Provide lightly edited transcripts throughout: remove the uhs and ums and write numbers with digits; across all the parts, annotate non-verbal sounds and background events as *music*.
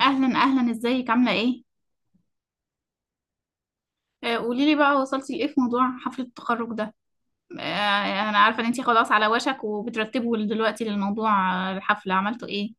اهلا اهلا، ازيك؟ عامله ايه؟ قولي لي بقى، وصلتي لايه في موضوع حفله التخرج ده؟ آه، انا عارفه ان انتي خلاص على وشك وبترتبوا دلوقتي للموضوع، الحفله عملتوا ايه؟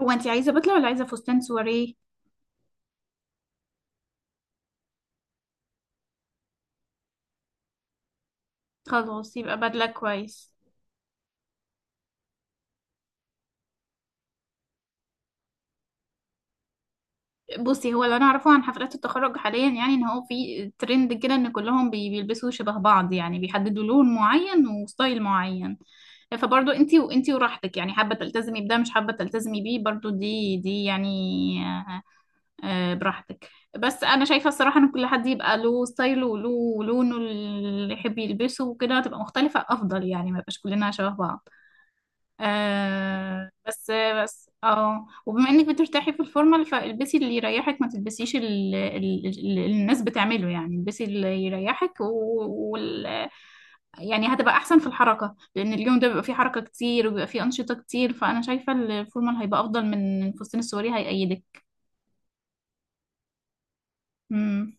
هو انتي عايزه بدله ولا عايزه فستان سواريه؟ خلاص يبقى بدله كويس. بصي، هو اللي انا اعرفه عن حفلات التخرج حاليا يعني ان هو في ترند كده ان كلهم بيلبسوا شبه بعض، يعني بيحددوا لون معين وستايل معين. فبرضو انتي، وانتي وراحتك يعني، حابه تلتزمي بده، مش حابه تلتزمي بيه برضو، دي يعني. براحتك. بس انا شايفه الصراحه ان كل حد يبقى له ستايله وله ولونه اللي يحب يلبسه وكده، تبقى مختلفه افضل يعني، ما يبقاش كلنا شبه بعض. آه. بس بس اه وبما انك بترتاحي في الفورمال، فالبسي اللي يريحك، ما تلبسيش اللي الناس بتعمله يعني، البسي اللي يريحك وال، يعني هتبقى احسن في الحركه، لان اليوم ده بيبقى فيه حركه كتير وبيبقى فيه انشطه كتير، فانا شايفه الفورمال هيبقى افضل من الفستان السوري هيأيدك. امم.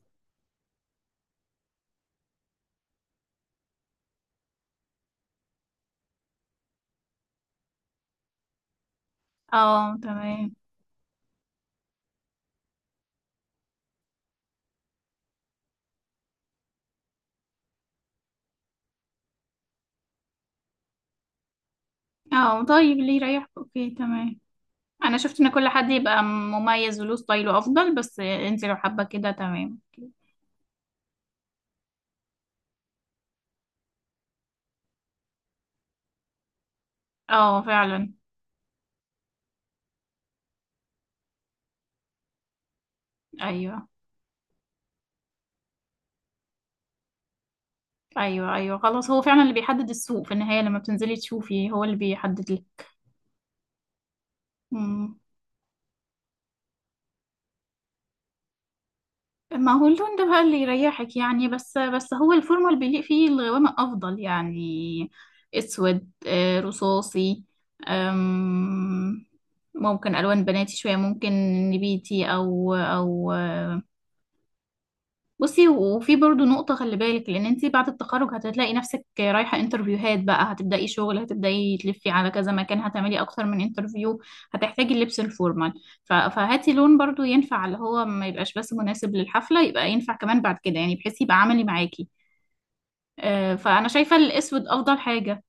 اه، تمام. اه طيب، اللي يريحك، اوكي تمام. انا شفت ان كل حد يبقى مميز وله ستايله افضل، بس انت لو حابه كده تمام. اه فعلا. ايوه. ايوه خلاص، هو فعلا اللي بيحدد السوق في النهايه، لما بتنزلي تشوفي هو اللي بيحدد لك. مم. ما هو اللون ده بقى اللي يريحك يعني، بس هو الفورمال بيليق فيه الغوامق افضل يعني، اسود، رصاصي، أم، ممكن الوان بناتي شويه، ممكن نبيتي او. بصي، وفي برضو نقطة خلي بالك، لأن انتي بعد التخرج هتلاقي نفسك رايحة انترفيوهات بقى، هتبدأي شغل، هتبدأي تلفي على كذا مكان، هتعملي أكتر من انترفيو، هتحتاجي اللبس الفورمال. فهاتي لون برضو ينفع، اللي هو ما يبقاش بس مناسب للحفلة، يبقى ينفع كمان بعد كده يعني، بحيث يبقى عملي معاكي. فأنا شايفة الأسود أفضل حاجة.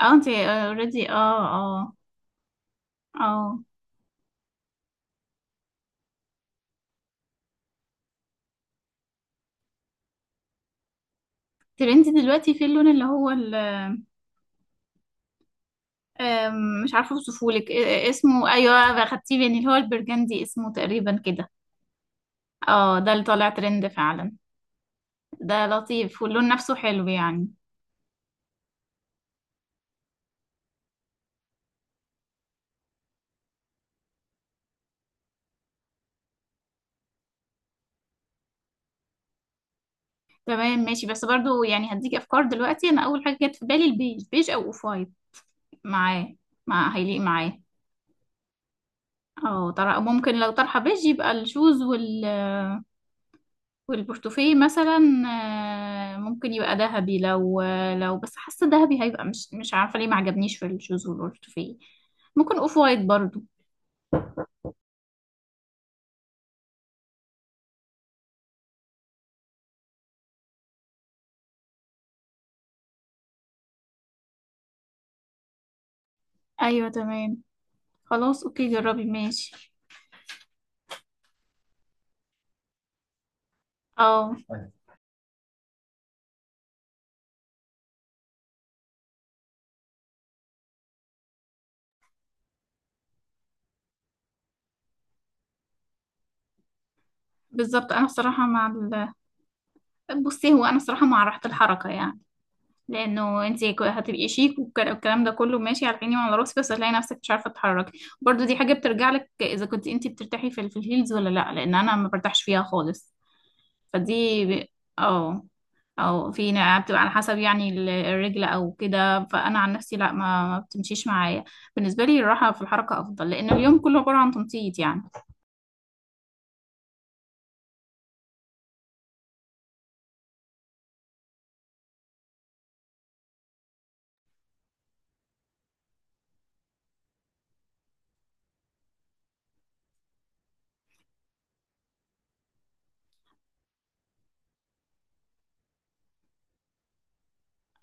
اه انتي اوريدي، اه. اه. ترندي دلوقتي في اللون اللي هو آم، مش عارفة اوصفهولك، إيه اسمه؟ ايوه، اخدتيه مني، اللي هو البرجندي اسمه تقريبا كده. اه، ده اللي طالع ترند فعلا. ده لطيف واللون نفسه حلو يعني. تمام ماشي، بس برضو يعني هديك افكار دلوقتي، انا اول حاجه جت في بالي البيج، بيج او اوف وايت معاه، مع، هيليق معاه. اه، طرح ممكن، لو طرحه بيج يبقى الشوز وال، والبورتوفيه مثلا ممكن يبقى ذهبي، لو لو بس حاسه ذهبي هيبقى، مش عارفه ليه ما عجبنيش في الشوز والبورتوفيه، ممكن اوف وايت برضو. ايوه تمام. خلاص اوكي، جربي ماشي. اه طيب. بالظبط. انا بصراحه مع ال... بصي، هو انا بصراحه مع راحه الحركه يعني، لانه انت هتبقي شيك والكلام ده كله ماشي على عيني وعلى راسي، بس هتلاقي نفسك مش عارفه تتحركي. برضو دي حاجه بترجع لك، اذا كنت انت بترتاحي في الهيلز ولا لا، لان انا ما برتاحش فيها خالص. فدي ب... اه، او في نقع بتبقى على حسب يعني الرجل او كده، فانا عن نفسي لا، ما بتمشيش معايا. بالنسبه لي الراحه في الحركه افضل، لان اليوم كله عباره عن تنطيط يعني.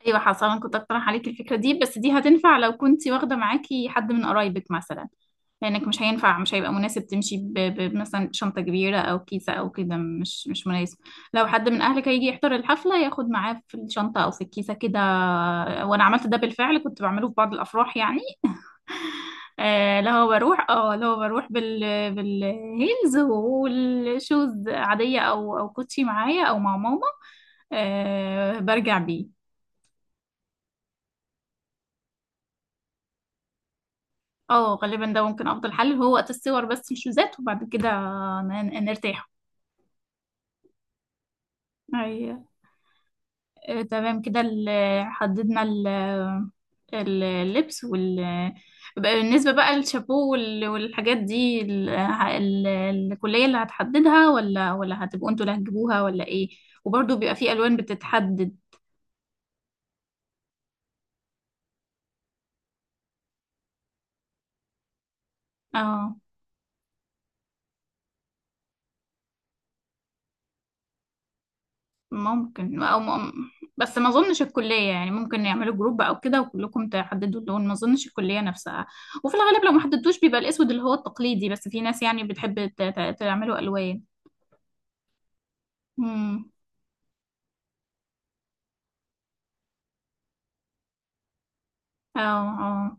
ايوه حصل، انا كنت اقترح عليك الفكره دي، بس دي هتنفع لو كنت واخده معاكي حد من قرايبك مثلا، لانك مش هينفع، مش هيبقى مناسب تمشي مثلا شنطه كبيره او كيسه او كده، مش مناسب. لو حد من اهلك هيجي يحضر الحفله ياخد معاه في الشنطه او في الكيسه كده. وانا عملت ده بالفعل، كنت بعمله في بعض الافراح يعني، اللي هو بروح بال، بالهيلز، والشوز عادية او كوتشي معايا او مع ماما، آه برجع بيه. اه غالبا ده ممكن افضل حل، هو وقت الصور بس الشوزات، وبعد كده نرتاح. ايوه. تمام كده، حددنا اللبس وال، بقى بالنسبة بقى للشابو والحاجات دي، الكلية اللي هتحددها ولا هتبقوا انتوا اللي هتجيبوها ولا ايه؟ وبرضه بيبقى في ألوان بتتحدد. اه ممكن، أو م... بس ما اظنش الكلية يعني، ممكن يعملوا جروب او كده وكلكم تحددوا اللون، ما اظنش الكلية نفسها. وفي الغالب لو ما حددتوش بيبقى الاسود اللي هو التقليدي، بس في ناس يعني بتحب تعملوا ألوان. امم. اه. آه.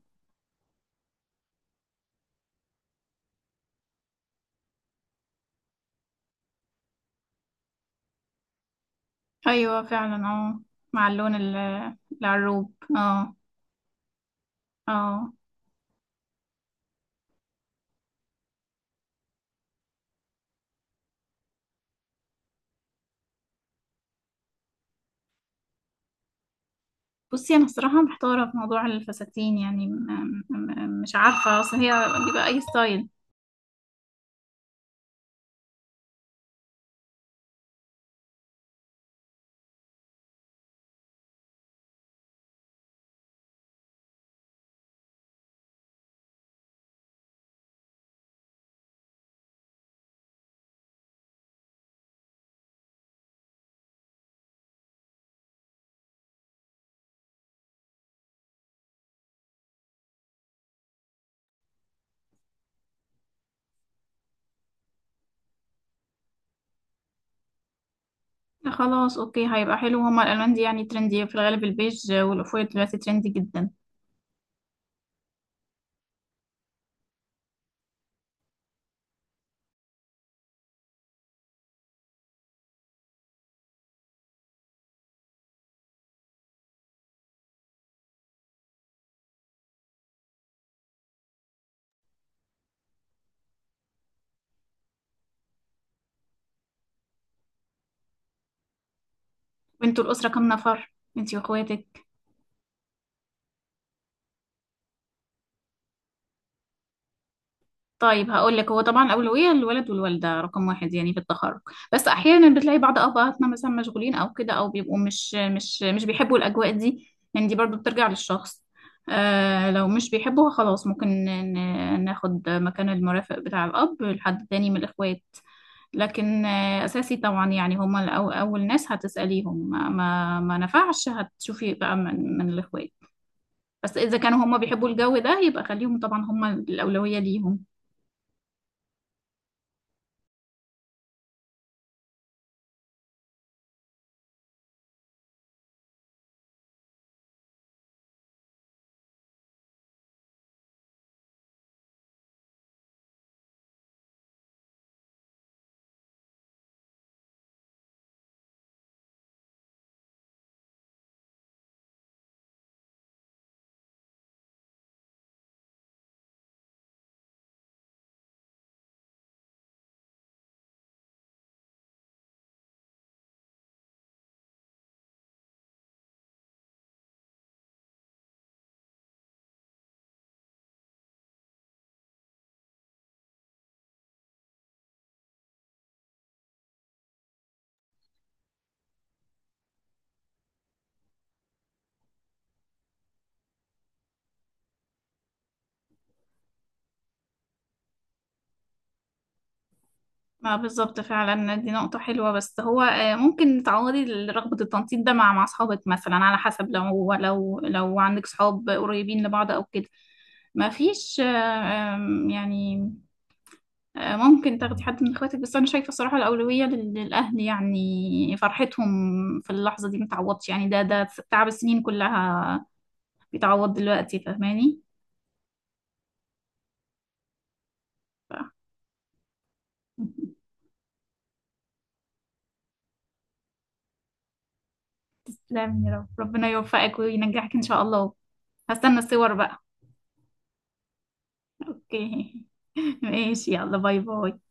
ايوه فعلا، اه، مع اللون العروب، اه. اه. بصي انا الصراحه محتاره في موضوع الفساتين يعني، مش عارفه، اصل هي بيبقى اي ستايل. خلاص اوكي، هيبقى حلو هما الالوان دي يعني، ترندي في الغالب، البيج والاوف وايت دلوقتي ترندي جدا. وانتوا الاسره كام نفر؟ انتي واخواتك. طيب هقول لك، هو طبعا أولوية للولد والوالدة رقم واحد يعني في التخرج. بس أحيانا بتلاقي بعض أبهاتنا مثلا مشغولين أو كده، أو بيبقوا مش بيحبوا الأجواء دي يعني، دي برضو بترجع للشخص. آه لو مش بيحبوها خلاص، ممكن ناخد مكان المرافق بتاع الأب لحد تاني من الإخوات. لكن آه أساسي طبعا يعني، هما أول ناس هتسأليهم، ما نفعش هتشوفي بقى من، من الإخوات. بس إذا كانوا هما بيحبوا الجو ده، يبقى خليهم طبعا، هما الأولوية ليهم. ما بالظبط، فعلا دي نقطة حلوة، بس هو ممكن تعوضي رغبة التنطيط ده مع، مع أصحابك مثلا، على حسب لو عندك صحاب قريبين لبعض أو كده. ما فيش آه، آم، يعني، ممكن تاخدي حد من اخواتك، بس أنا شايفة صراحة الأولوية للأهل، يعني فرحتهم في اللحظة دي متعوضش يعني، ده تعب السنين كلها بيتعوض دلوقتي، فاهماني؟ ف- *laughs* تسلمي يا رب، ربنا يوفقك وينجحك إن شاء الله. هستنى الصور بقى. اوكي *laughs* ماشي، يلا باي باي.